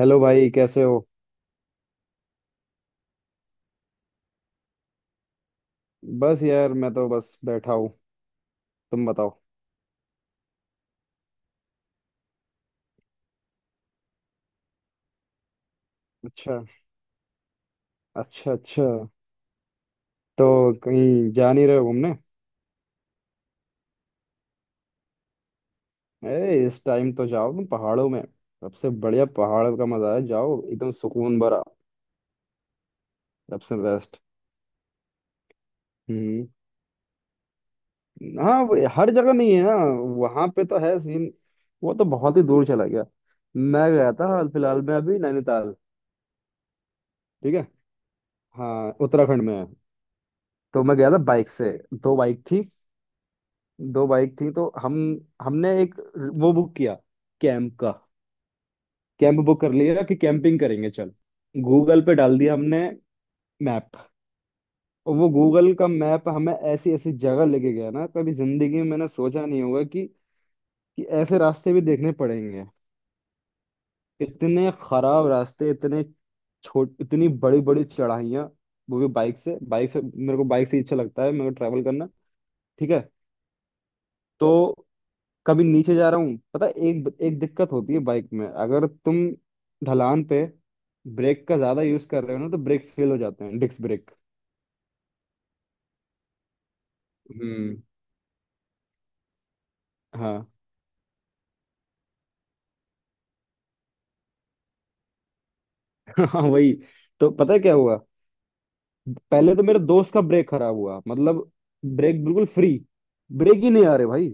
Hello भाई, कैसे हो। बस यार मैं तो बस बैठा हूँ। तुम बताओ। अच्छा। अच्छा अच्छा। तो कहीं जा नहीं रहे हो घूमने? अरे इस टाइम तो जाओ तुम पहाड़ों में। सबसे बढ़िया पहाड़ का मजा है, जाओ, एकदम सुकून भरा। सबसे बेस्ट। हम्म। हाँ वो हर जगह नहीं है ना। वहां पे तो है सीन। वो तो बहुत ही दूर चला गया। मैं गया था हाल फिलहाल में अभी नैनीताल। ठीक है। हाँ उत्तराखंड में है। तो मैं गया था बाइक से। दो बाइक थी। दो बाइक थी तो हम। हमने एक वो बुक किया, कैंप का। कैंप बुक कर लिया कि कैंपिंग करेंगे चल। गूगल पे डाल दिया हमने, मैप। और वो गूगल का मैप हमें ऐसी ऐसी जगह लेके गया ना, कभी जिंदगी में मैंने सोचा नहीं होगा कि ऐसे रास्ते भी देखने पड़ेंगे। इतने खराब रास्ते, इतने छोट इतनी बड़ी बड़ी चढ़ाइयाँ। वो भी बाइक से, मेरे को बाइक से ही अच्छा लगता है, मेरे को ट्रैवल करना। ठीक है। तो कभी नीचे जा रहा हूँ, पता है, एक एक दिक्कत होती है बाइक में अगर तुम ढलान पे ब्रेक का ज्यादा यूज कर रहे हो ना तो ब्रेक्स फेल हो जाते हैं, डिस्क ब्रेक। हम्म। हाँ। हाँ वही। तो पता है क्या हुआ? पहले तो मेरे दोस्त का ब्रेक खराब हुआ, मतलब ब्रेक बिल्कुल फ्री। ब्रेक ही नहीं आ रहे भाई।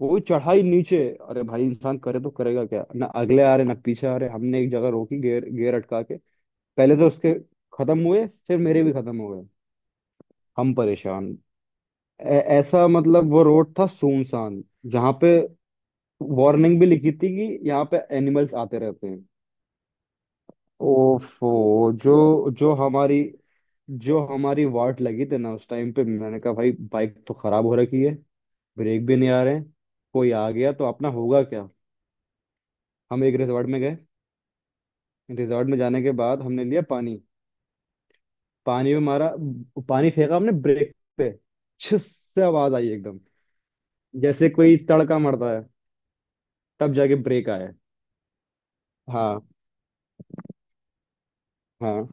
वो चढ़ाई नीचे। अरे भाई इंसान करे तो करेगा क्या ना, अगले आ रहे ना, पीछे आ रहे, हमने एक जगह रोकी, गियर गियर अटका के। पहले तो उसके खत्म हुए, फिर मेरे भी खत्म हो गए। हम परेशान। ऐसा मतलब, वो रोड था सुनसान, जहाँ पे वार्निंग भी लिखी थी कि यहाँ पे एनिमल्स आते रहते हैं। ओफो, जो जो हमारी वाट लगी थी ना उस टाइम पे, मैंने कहा भाई बाइक तो खराब हो रखी है, ब्रेक भी नहीं आ रहे हैं, कोई आ गया तो अपना होगा क्या। हम एक रिजॉर्ट में गए। रिजॉर्ट में जाने के बाद हमने लिया पानी। पानी में मारा, पानी फेंका हमने ब्रेक पे। छिस से आवाज आई एकदम, जैसे कोई तड़का मरता है। तब जाके ब्रेक आया। हाँ। हाँ।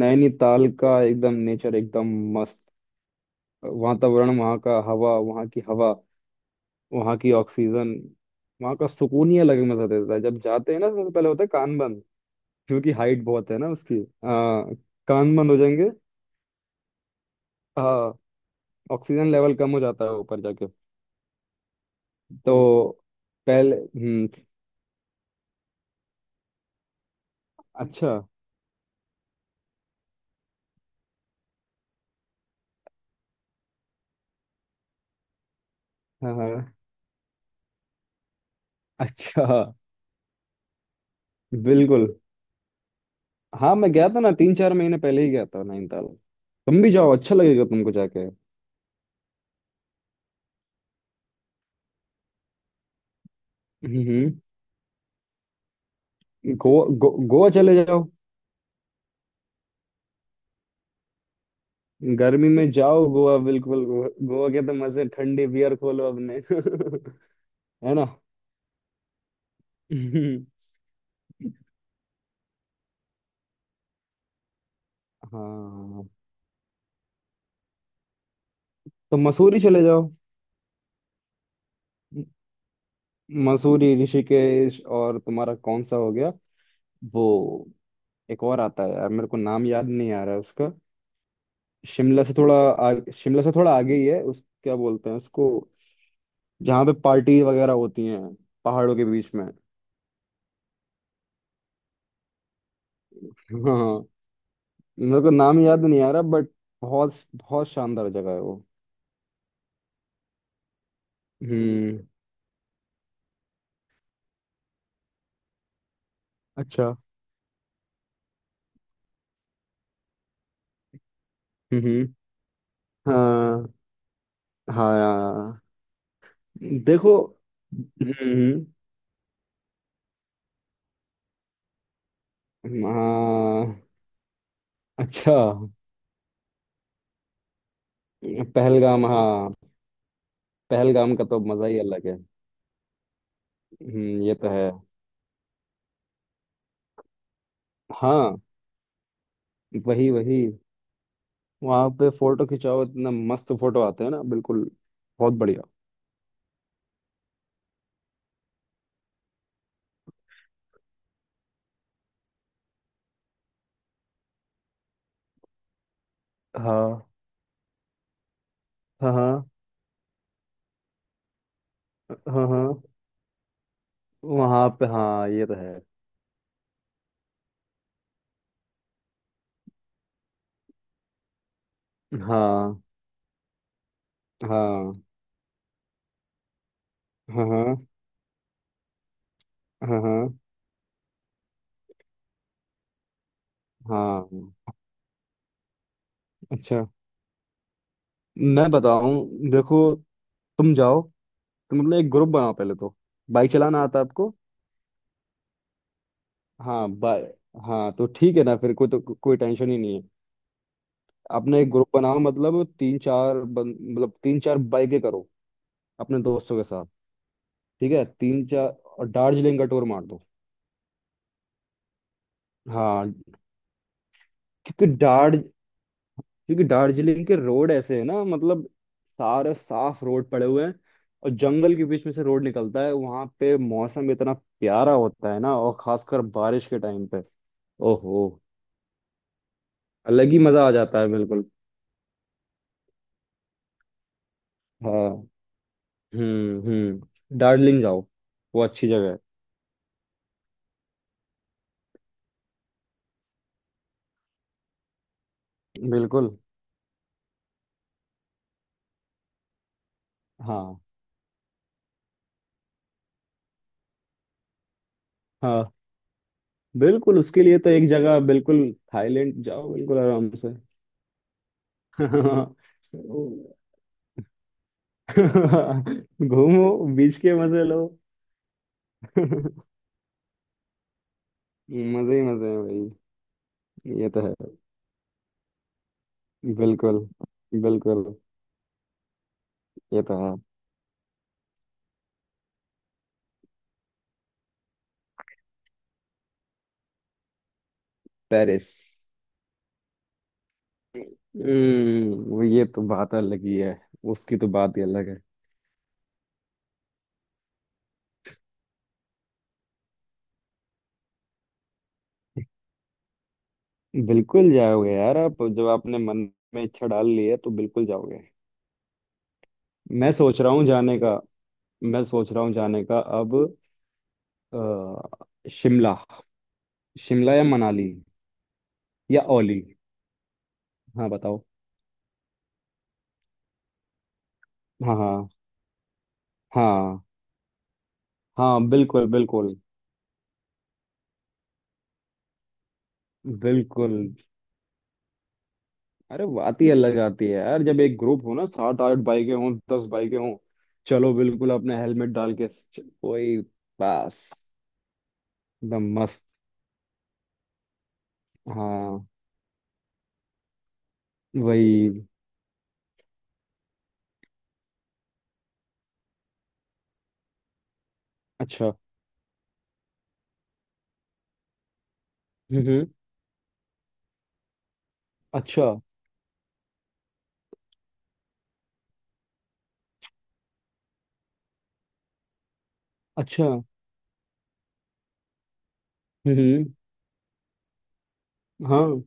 नैनीताल का एकदम नेचर, एकदम मस्त। वातावरण वहाँ का, हवा वहाँ की, हवा वहाँ की ऑक्सीजन, वहाँ का सुकून ही अलग मजा देता है। जब जाते हैं ना सबसे पहले होता है कान बंद, क्योंकि हाइट बहुत है ना उसकी। कान बंद हो जाएंगे। हाँ। ऑक्सीजन लेवल कम हो जाता है ऊपर जाके तो पहले। हम्म। अच्छा। हाँ। हाँ। अच्छा। बिल्कुल। हाँ मैं गया था ना 3-4 महीने पहले ही, गया था नैनीताल। तुम भी जाओ, अच्छा लगेगा तुमको जाके। हम्म। हम्म। गोवा, गोवा चले जाओ। गर्मी में जाओ गोवा, बिल्कुल, गोवा, गोवा के तो मजे, ठंडी बियर खोलो अपने। है ना। हाँ। तो मसूरी चले जाओ। मसूरी, ऋषिकेश, और तुम्हारा कौन सा हो गया वो, एक और आता है यार, मेरे को नाम याद नहीं आ रहा है उसका। शिमला से थोड़ा शिमला से थोड़ा आगे ही है उस, क्या बोलते हैं उसको, जहाँ पे पार्टी वगैरह होती हैं पहाड़ों के बीच में। हाँ। मेरे को नाम याद नहीं आ रहा बट बहुत बहुत शानदार जगह है वो। हम्म। अच्छा। हम्म। हाँ। हाँ यार। देखो। हम्म। हाँ। अच्छा। पहलगाम, हाँ। पहलगाम का तो मजा ही अलग है। हम्म, ये तो है। हाँ, वही वही। वहां पे फोटो खिंचाओ, इतना मस्त फोटो आते हैं ना, बिल्कुल बहुत बढ़िया। हाँ। हाँ। हाँ। हाँ। हाँ। वहां पे हाँ, ये तो है। हाँ। हाँ। हाँ। हाँ। हाँ। हाँ। हाँ। अच्छा। मैं बताऊं, देखो, तुम जाओ, तुम अपना एक ग्रुप बनाओ पहले तो। बाइक चलाना आता है आपको? हाँ बाय। हाँ तो ठीक है ना, फिर कोई तो कोई टेंशन ही नहीं है। अपना एक ग्रुप बनाओ, मतलब मतलब तीन चार बाइकें करो अपने दोस्तों के साथ। ठीक है तीन चार। और दार्जिलिंग का टूर मार दो। हाँ। क्योंकि दार्ज क्योंकि दार्जिलिंग के रोड ऐसे है ना, मतलब सारे साफ रोड पड़े हुए हैं, और जंगल के बीच में से रोड निकलता है। वहां पे मौसम इतना प्यारा होता है ना, और खासकर बारिश के टाइम पे, ओहो, अलग ही मजा आ जाता है बिल्कुल। हाँ। हम्म, दार्जिलिंग जाओ, वो अच्छी जगह है बिल्कुल। हाँ। हाँ बिल्कुल, उसके लिए तो एक जगह, बिल्कुल थाईलैंड जाओ बिल्कुल आराम से। घूमो, बीच के मजे लो। मजे ही मजे हैं भाई। ये तो है। बिल्कुल। बिल्कुल। ये तो है। पेरिस। हम्म, वो ये तो बात अलग ही है, उसकी तो बात ही अलग है। बिल्कुल जाओगे यार आप, जब आपने मन में इच्छा डाल ली है तो बिल्कुल जाओगे। मैं सोच रहा हूँ जाने का। मैं सोच रहा हूँ जाने का अब। अ, शिमला, शिमला या मनाली, या ओली। हाँ बताओ। हाँ। हाँ। हाँ। हाँ। बिल्कुल। बिल्कुल। बिल्कुल। अरे बात ही अलग आती है यार, जब एक ग्रुप हो ना, सात आठ बाइकें हों, दस बाइकें हों, चलो बिल्कुल अपने हेलमेट डाल के कोई, बस एकदम मस्त। हाँ वही। अच्छा। हम्म। अच्छा। अच्छा। हम्म। हाँ।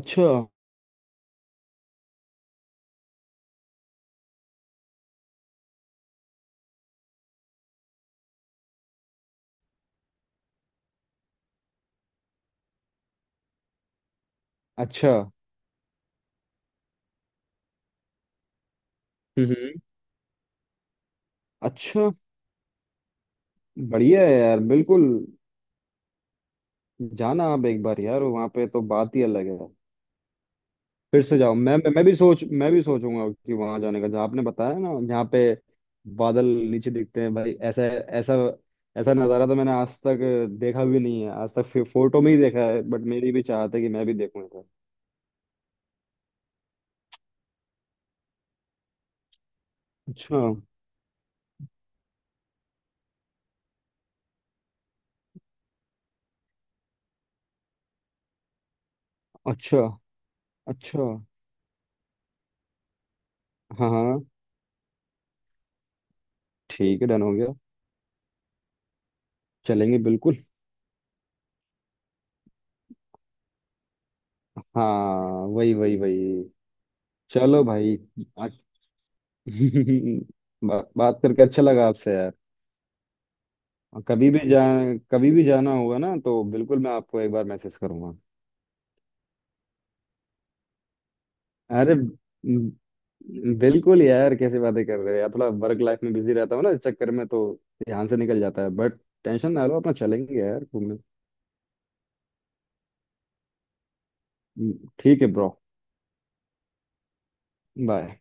अच्छा। अच्छा। हम्म। अच्छा। बढ़िया है यार बिल्कुल, जाना आप एक बार यार, वहाँ पे तो बात ही अलग है। फिर से जाओ, मैं भी सोचूंगा कि वहां जाने का, जहाँ आपने बताया ना, जहाँ पे बादल नीचे दिखते हैं भाई। ऐसा ऐसा ऐसा नज़ारा तो मैंने आज तक देखा भी नहीं है, आज तक फोटो में ही देखा है, बट मेरी भी चाहत है कि मैं भी देखूं इधर। अच्छा। अच्छा। अच्छा। हाँ। हाँ। ठीक है, डन हो गया। चलेंगे बिल्कुल। हाँ वही वही वही। चलो भाई। बात बात करके अच्छा लगा आपसे यार। और कभी भी जाना होगा ना तो बिल्कुल मैं आपको एक बार मैसेज करूंगा। अरे बिल्कुल यार, कैसे बातें कर रहे हो यार, थोड़ा वर्क लाइफ में बिजी रहता हूँ ना, इस चक्कर में तो ध्यान से निकल जाता है, बट टेंशन ना लो अपना, चलेंगे यार घूमने। ठीक है ब्रो। बाय।